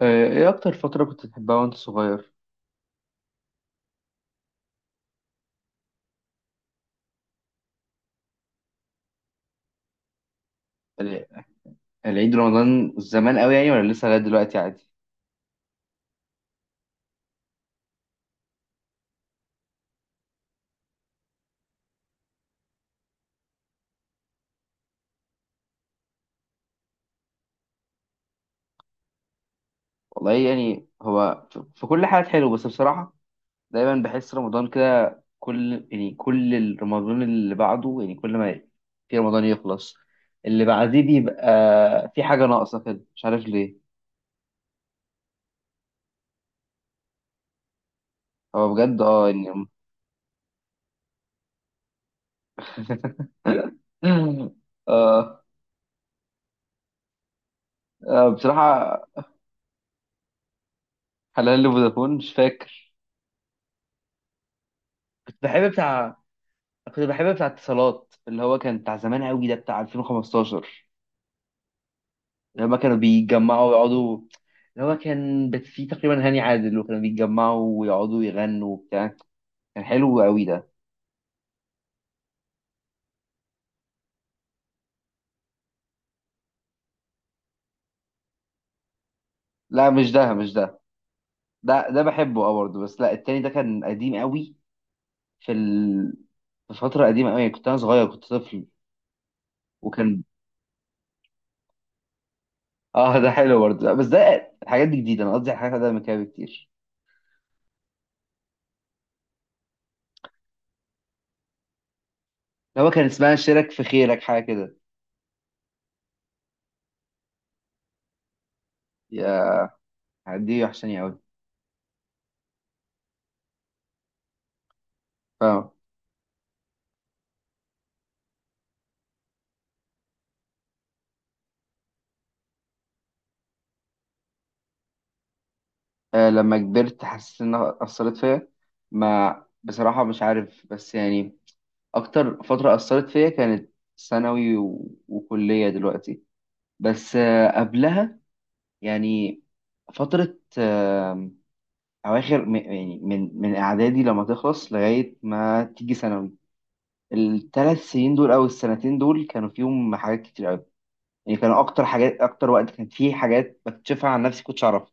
ايه اكتر فترة كنت بتحبها وانت صغير؟ ال- العيد رمضان زمان قوي يعني، ولا لسه لغاية دلوقتي عادي؟ والله يعني هو في كل حاجة حلو، بس بصراحة دايما بحس رمضان كده، كل الرمضان اللي بعده، يعني كل ما في رمضان يخلص اللي بعديه بيبقى في حاجة ناقصة كده، مش عارف ليه. هو بجد اه يعني. آه. آه، بصراحة. حلال لي فودافون، مش فاكر. كنت بحب بتاع كنت بحب بتاع اتصالات، اللي هو كان بتاع زمان قوي، ده بتاع 2015 لما كانوا بيتجمعوا ويقعدوا. اللي هو كان فيه تقريبا هاني عادل، وكانوا بيتجمعوا ويقعدوا يغنوا وبتاع، كان حلو قوي ده. لا، مش ده، مش ده. ده بحبه اه برضه، بس لا، التاني ده كان قديم قوي. في ال... في فترة قديمة قوي، كنت انا صغير، كنت طفل، وكان اه ده حلو برضه، لا، بس ده الحاجات دي جديدة، انا قصدي على حاجات قديمة كده بكتير. اللي هو كان اسمها شارك في خيرك، حاجة كده. يا، دي وحشاني قوي. لما كبرت حسيت انها اثرت فيا. ما بصراحه مش عارف، بس يعني اكتر فتره اثرت فيا كانت ثانوي و- وكليه دلوقتي. بس قبلها، يعني فتره، اواخر يعني من اعدادي لما تخلص لغايه ما تيجي ثانوي. 3 سنين دول او السنتين دول كانوا فيهم حاجات كتير قوي. يعني كانوا اكتر حاجات، اكتر وقت كان فيه حاجات بكتشفها عن نفسي كنتش اعرفها.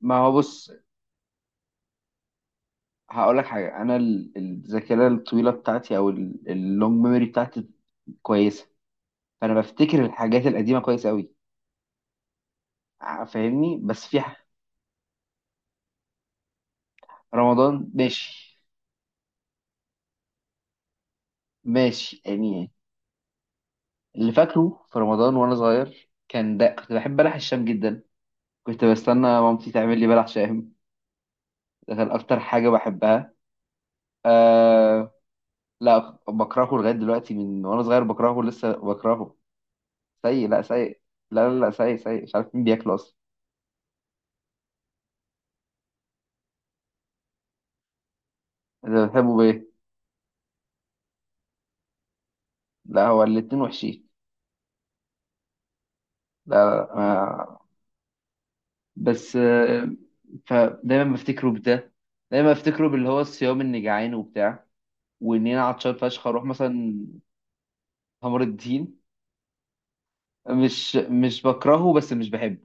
ما هو بص، هقول لك حاجه. انا الذاكره الطويله بتاعتي، او اللونج ميموري بتاعتي، كويسه. فانا بفتكر الحاجات القديمه كويس قوي، فاهمني؟ بس في رمضان ماشي. ماشي يعني. اللي فاكره في رمضان وانا صغير كان ده، كنت بحب بلح الشام جدا، كنت بستنى مامتي تعمل لي بلح شام. ده كان اكتر حاجه بحبها، آه. لا، بكرهه لغايه دلوقتي، من وانا صغير بكرهه، لسه بكرهه سيء، لا سيء. لا، لا، لا، سيء سيء، مش عارف مين بياكله اصلا. انت بتحبه بايه؟ لا، هو الاتنين وحشين، لا. آه، بس آه. فدايما بفتكره بده، دايما بفتكره باللي هو الصيام، اني جعان وبتاع، وان انا عطشان فشخ اروح مثلا. قمر الدين مش بكرهه، بس مش بحبه.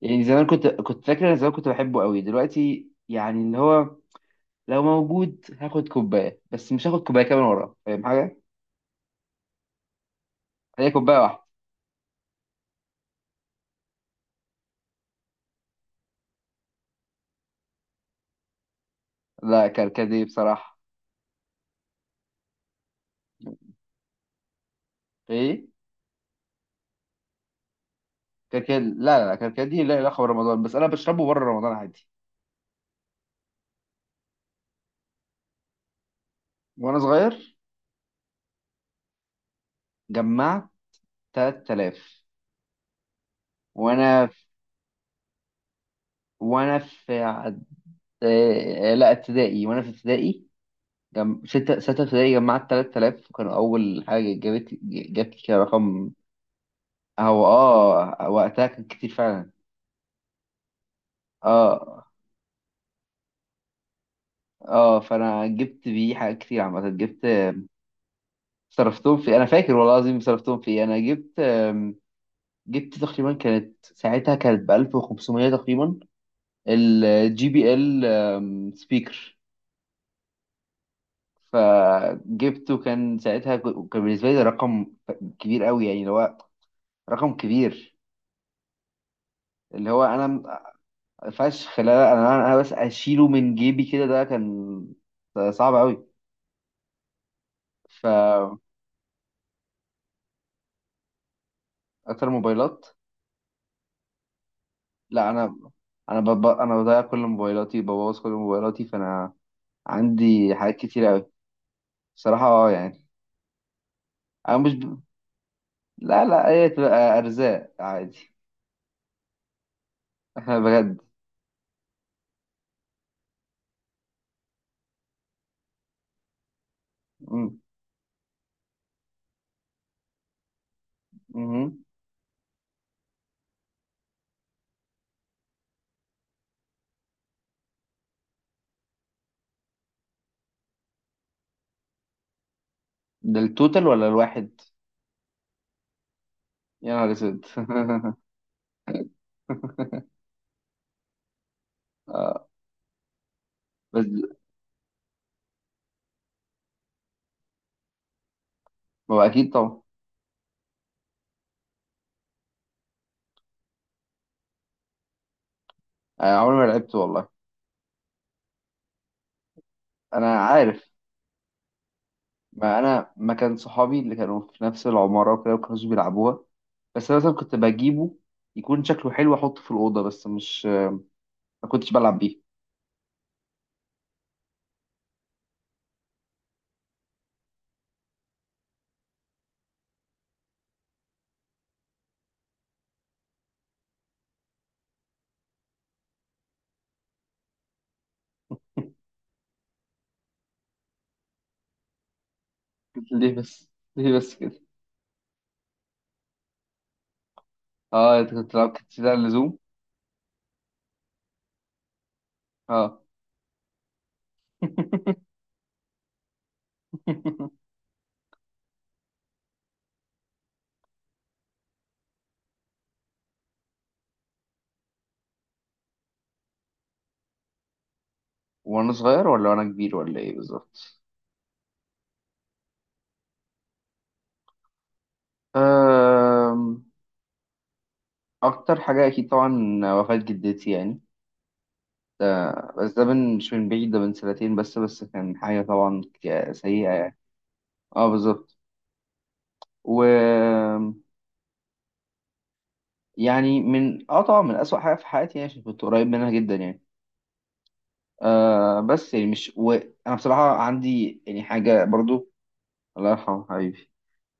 يعني زمان كنت فاكر، انا زمان كنت بحبه قوي، دلوقتي يعني اللي هو لو موجود هاخد كوبايه، بس مش هاخد كوبايه كمان وراه، فاهم حاجه. هي كوبايه واحده. لا، كركدي بصراحه. ايه. كركدي، لا لا لا، كركدي لا، لا خبر رمضان، بس انا بشربه بره رمضان عادي. وانا صغير جمعت 3000. وانا في وانا في لا، ابتدائي، وانا في ابتدائي. ستة ابتدائي جمعت 3000، وكان اول حاجة جابت لي كده رقم. هو اه، وقتها كان كتير فعلا. اه، اه، فانا جبت بيه حاجات كتير، عامة جبت. صرفتهم في، انا فاكر والله العظيم، صرفتهم في إيه. انا جبت، جبت تقريبا، كانت ساعتها كانت ب 1500 تقريبا، الجي بي ال سبيكر. فجبته. كان ساعتها كان بالنسبة لي ده رقم كبير قوي، يعني اللي هو رقم كبير، اللي هو فشخ، لا لا، انا بس اشيله من جيبي كده، ده كان صعب قوي. فاكتر موبايلات، لا، انا انا بضيع كل موبايلاتي، ببوظ كل موبايلاتي، فانا عندي حاجات كتير قوي. بصراحة اه يعني. انا مش ب... لا لا، هي تبقى ارزاق عادي. احنا بجد. م- مهم. ده التوتال ولا الواحد؟ يا نهار اسود. آه، بس ما هو اكيد طبعا. انا عمري ما لعبت والله. انا عارف. ما انا ما كان صحابي اللي كانوا في نفس العماره وكده ما كانوش بيلعبوها، بس انا مثلا كنت بجيبه، يكون شكله حلو احطه في الاوضه، بس مش، ما كنتش بلعب بيه. قلت ليه بس، ليه بس كده. اه، انت كنت بتلعب كتير زيادة عن اللزوم. اه. وانا صغير ولا وانا كبير ولا ايه بالظبط؟ أم، اكتر حاجه اكيد طبعا وفاه جدتي يعني. بس ده من، مش من بعيد، ده من سنتين بس كان حاجة طبعا سيئة يعني. اه، بالظبط. و يعني من اه طبعا من أسوأ حاجة في حياتي، يعني عشان كنت قريب منها جدا يعني. آه، بس يعني مش، وأنا بصراحة عندي يعني حاجة برضو. الله يرحمه حبيبي.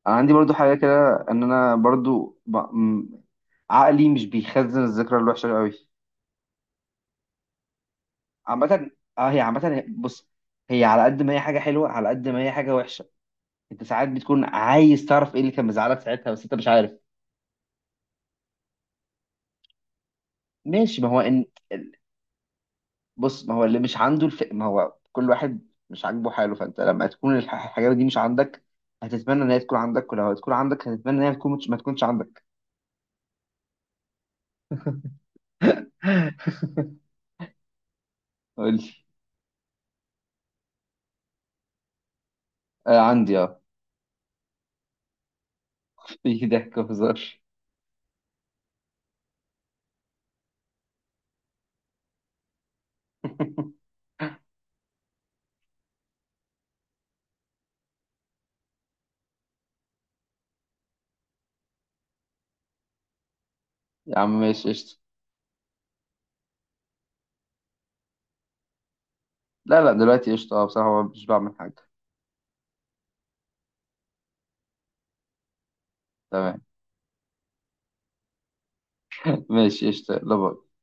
أنا عندي برضو حاجة كده، إن أنا برضو عقلي مش بيخزن الذكرى الوحشة قوي. عامة، اه، هي عامة، بص، هي على قد ما هي حاجة حلوة على قد ما هي حاجة وحشة. انت ساعات بتكون عايز تعرف ايه اللي كان مزعلك ساعتها، بس انت مش عارف. ماشي، ما هو ان ال- بص، ما هو اللي مش عنده ما هو كل واحد مش عاجبه حاله، فانت لما تكون الحاجات دي مش عندك، هتتمنى ان هي تكون عندك، ولو هتكون عندك هتتمنى ان هي تكون مش... ما تكونش عندك. قول لي. آه، عندي اه، في ضحك وهزار. يا عم ماشي قشطة. لا لا، دلوقتي قشطة اه، بصراحة مش بعمل حاجة. تمام، ماشي قشطة، لا، باي.